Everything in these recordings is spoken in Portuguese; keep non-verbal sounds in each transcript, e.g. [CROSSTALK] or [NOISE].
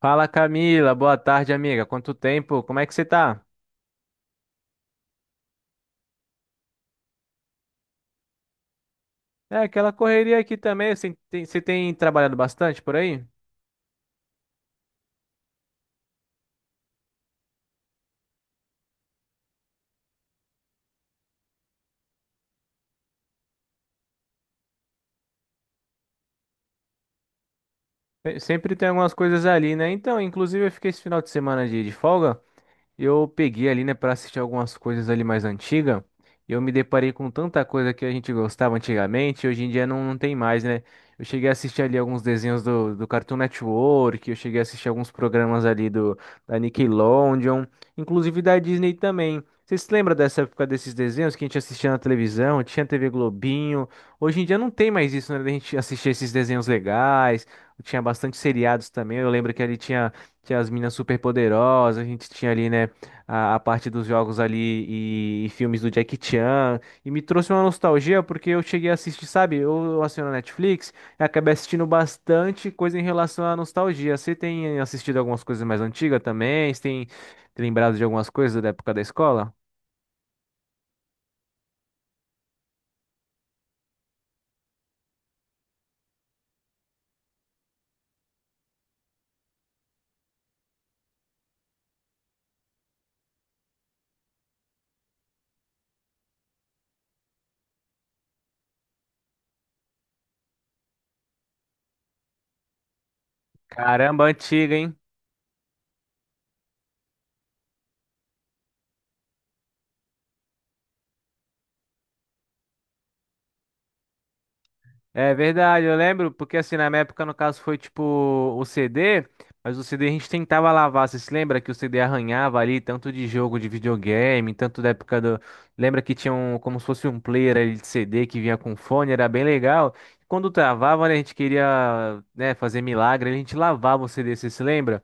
Fala Camila, boa tarde, amiga. Quanto tempo? Como é que você tá? É, aquela correria aqui também. Você tem trabalhado bastante por aí? Sempre tem algumas coisas ali, né? Então, inclusive eu fiquei esse final de semana de folga. Eu peguei ali, né, para assistir algumas coisas ali mais antigas. E eu me deparei com tanta coisa que a gente gostava antigamente, e hoje em dia não tem mais, né? Eu cheguei a assistir ali alguns desenhos do Cartoon Network, eu cheguei a assistir alguns programas ali do da Nickelodeon, inclusive da Disney também. Vocês se lembram dessa época desses desenhos que a gente assistia na televisão, tinha TV Globinho? Hoje em dia não tem mais isso, né? A gente assistia esses desenhos legais, tinha bastante seriados também. Eu lembro que ali tinha, tinha as meninas superpoderosas, a gente tinha ali, né? A parte dos jogos ali e filmes do Jackie Chan. E me trouxe uma nostalgia porque eu cheguei a assistir, sabe? Eu assino a Netflix e acabei assistindo bastante coisa em relação à nostalgia. Você tem assistido algumas coisas mais antigas também? Você tem lembrado de algumas coisas da época da escola? Caramba, antiga, hein? É verdade, eu lembro, porque assim, na minha época, no caso, foi tipo o CD, mas o CD a gente tentava lavar. Você se lembra que o CD arranhava ali, tanto de jogo de videogame, tanto da época do. Lembra que tinha um, como se fosse um player ali de CD que vinha com fone, era bem legal. Quando travava, né, a gente queria, né, fazer milagre, a gente lavava o CD, você se lembra?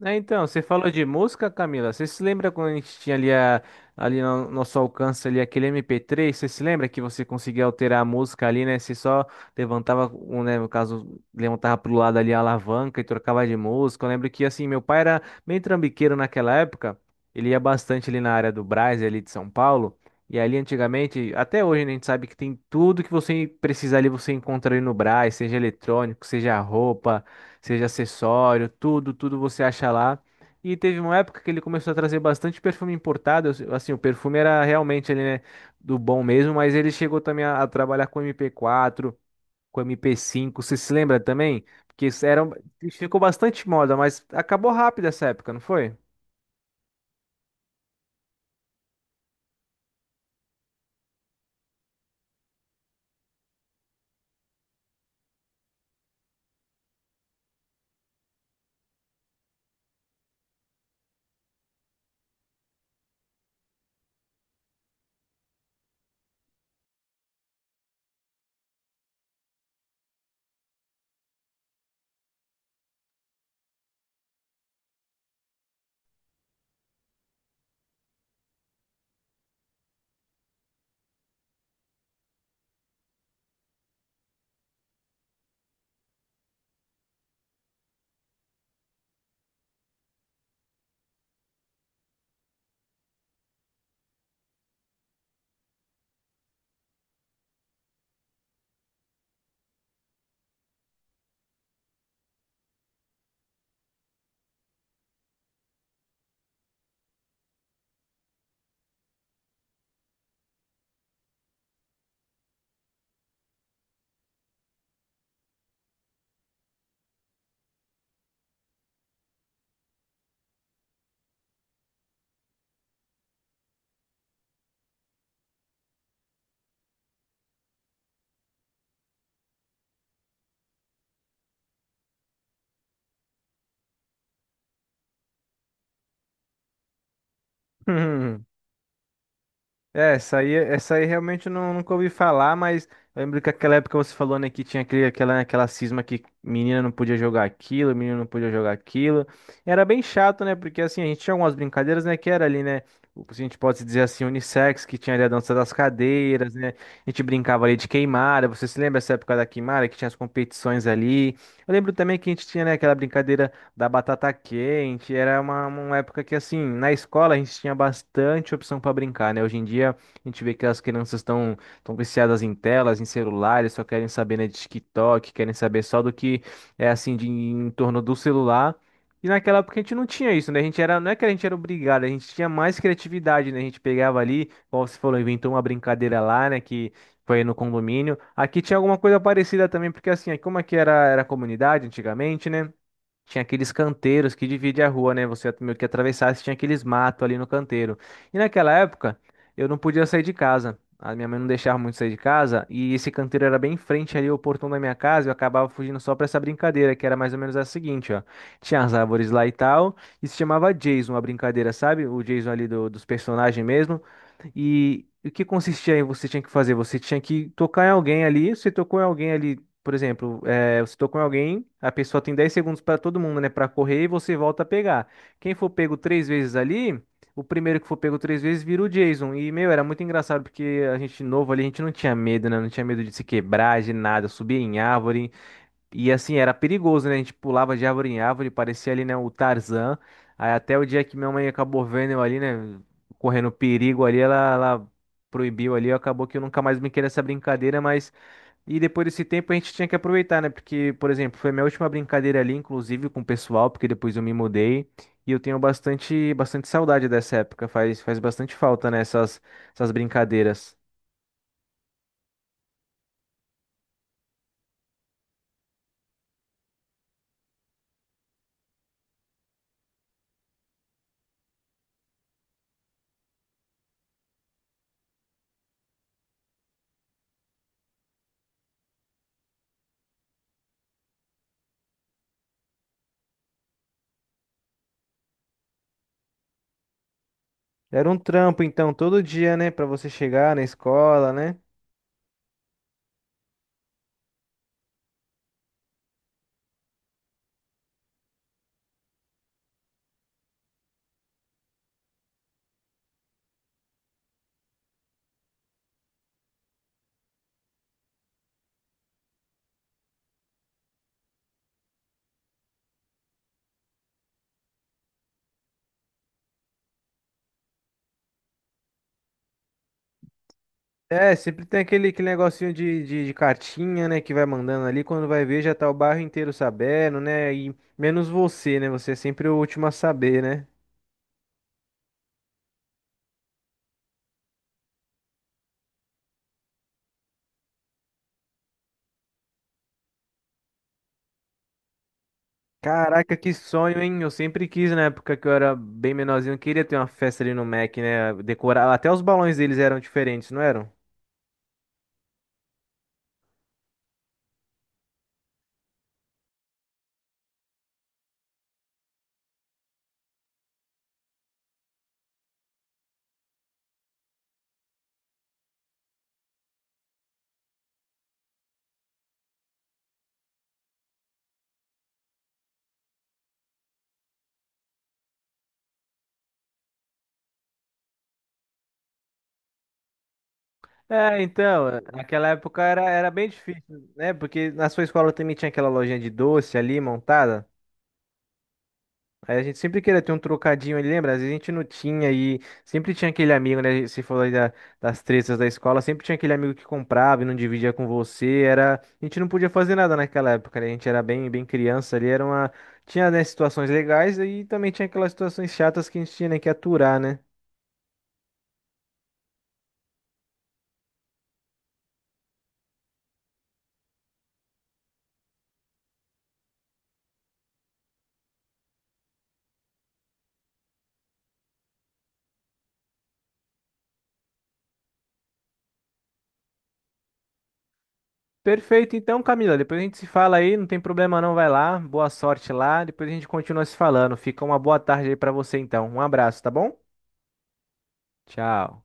É, então, você falou de música, Camila. Você se lembra quando a gente tinha ali, a, ali no nosso alcance ali aquele MP3? Você se lembra que você conseguia alterar a música ali, né? Você só levantava, um, né, no caso, levantava pro lado ali a alavanca e trocava de música. Eu lembro que, assim, meu pai era meio trambiqueiro naquela época. Ele ia bastante ali na área do Brás, ali de São Paulo. E ali antigamente, até hoje, né, a gente sabe que tem tudo que você precisar ali, você encontra ali no Brás, seja eletrônico, seja roupa, seja acessório, tudo, tudo você acha lá. E teve uma época que ele começou a trazer bastante perfume importado. Assim, o perfume era realmente ali, né, do bom mesmo, mas ele chegou também a trabalhar com MP4, com MP5. Você se lembra também? Porque isso era, um- Ficou bastante moda, mas acabou rápido essa época, não foi? [LAUGHS] É, essa aí realmente eu não, nunca ouvi falar, mas eu lembro que aquela época você falou, né, que tinha aquele, aquela, né, aquela cisma que menina não podia jogar aquilo, menino não podia jogar aquilo. Era bem chato, né, porque assim, a gente tinha algumas brincadeiras, né, que era ali, né, o que a gente pode dizer assim, unissex, que tinha ali a dança das cadeiras, né, a gente brincava ali de queimada, você se lembra essa época da queimada, que tinha as competições ali. Eu lembro também que a gente tinha, né, aquela brincadeira da batata quente. Era uma época que, assim, na escola a gente tinha bastante opção para brincar, né? Hoje em dia a gente vê que as crianças estão viciadas em telas, em celulares, só querem saber, né, de TikTok, querem saber só do que é, assim, de, em torno do celular. E naquela época a gente não tinha isso, né? A gente era, não é que a gente era obrigado, a gente tinha mais criatividade, né? A gente pegava ali, como você falou, inventou uma brincadeira lá, né? Que foi no condomínio. Aqui tinha alguma coisa parecida também, porque assim, aqui como aqui era, era comunidade antigamente, né? Tinha aqueles canteiros que divide a rua, né? Você meio que atravessasse, tinha aqueles matos ali no canteiro. E naquela época, eu não podia sair de casa. A minha mãe não deixava muito sair de casa. E esse canteiro era bem em frente ali ao portão da minha casa. E eu acabava fugindo só pra essa brincadeira, que era mais ou menos a seguinte, ó. Tinha as árvores lá e tal. E se chamava Jason, a brincadeira, sabe? O Jason ali dos personagens mesmo. E o que consistia em você tinha que fazer? Você tinha que tocar em alguém ali, você tocou em alguém ali, por exemplo, você tocou em alguém, a pessoa tem 10 segundos para todo mundo, né, para correr e você volta a pegar. Quem for pego três vezes ali, o primeiro que for pego três vezes vira o Jason. E, meu, era muito engraçado porque a gente novo ali, a gente não tinha medo, né? Não tinha medo de se quebrar, de nada, subir em árvore. E assim, era perigoso, né? A gente pulava de árvore em árvore, parecia ali, né, o Tarzan. Aí até o dia que minha mãe acabou vendo eu ali, né, correndo perigo ali, ela proibiu ali, acabou que eu nunca mais brinquei nessa brincadeira, mas... E depois desse tempo a gente tinha que aproveitar, né? Porque, por exemplo, foi minha última brincadeira ali, inclusive com o pessoal, porque depois eu me mudei. E eu tenho bastante saudade dessa época, faz bastante falta, né, essas, essas brincadeiras. Era um trampo, então, todo dia, né, pra você chegar na escola, né? É, sempre tem aquele, aquele negocinho de cartinha, né, que vai mandando ali, quando vai ver já tá o bairro inteiro sabendo, né, e menos você, né, você é sempre o último a saber, né. Caraca, que sonho, hein, eu sempre quis, na época que eu era bem menorzinho, eu queria ter uma festa ali no Mac, né, decorar, até os balões deles eram diferentes, não eram? É, então, naquela época era, era bem difícil, né, porque na sua escola também tinha aquela lojinha de doce ali montada. Aí a gente sempre queria ter um trocadinho ali, lembra? Às vezes a gente não tinha e sempre tinha aquele amigo, né? Você falou aí das tretas da escola, sempre tinha aquele amigo que comprava e não dividia com você. Era, a gente não podia fazer nada naquela época, né? A gente era bem criança ali, era uma, tinha, né, situações legais e também tinha aquelas situações chatas que a gente tinha, né, que aturar, né? Perfeito, então, Camila, depois a gente se fala aí, não tem problema não, vai lá, boa sorte lá, depois a gente continua se falando. Fica uma boa tarde aí pra você então. Um abraço, tá bom? Tchau.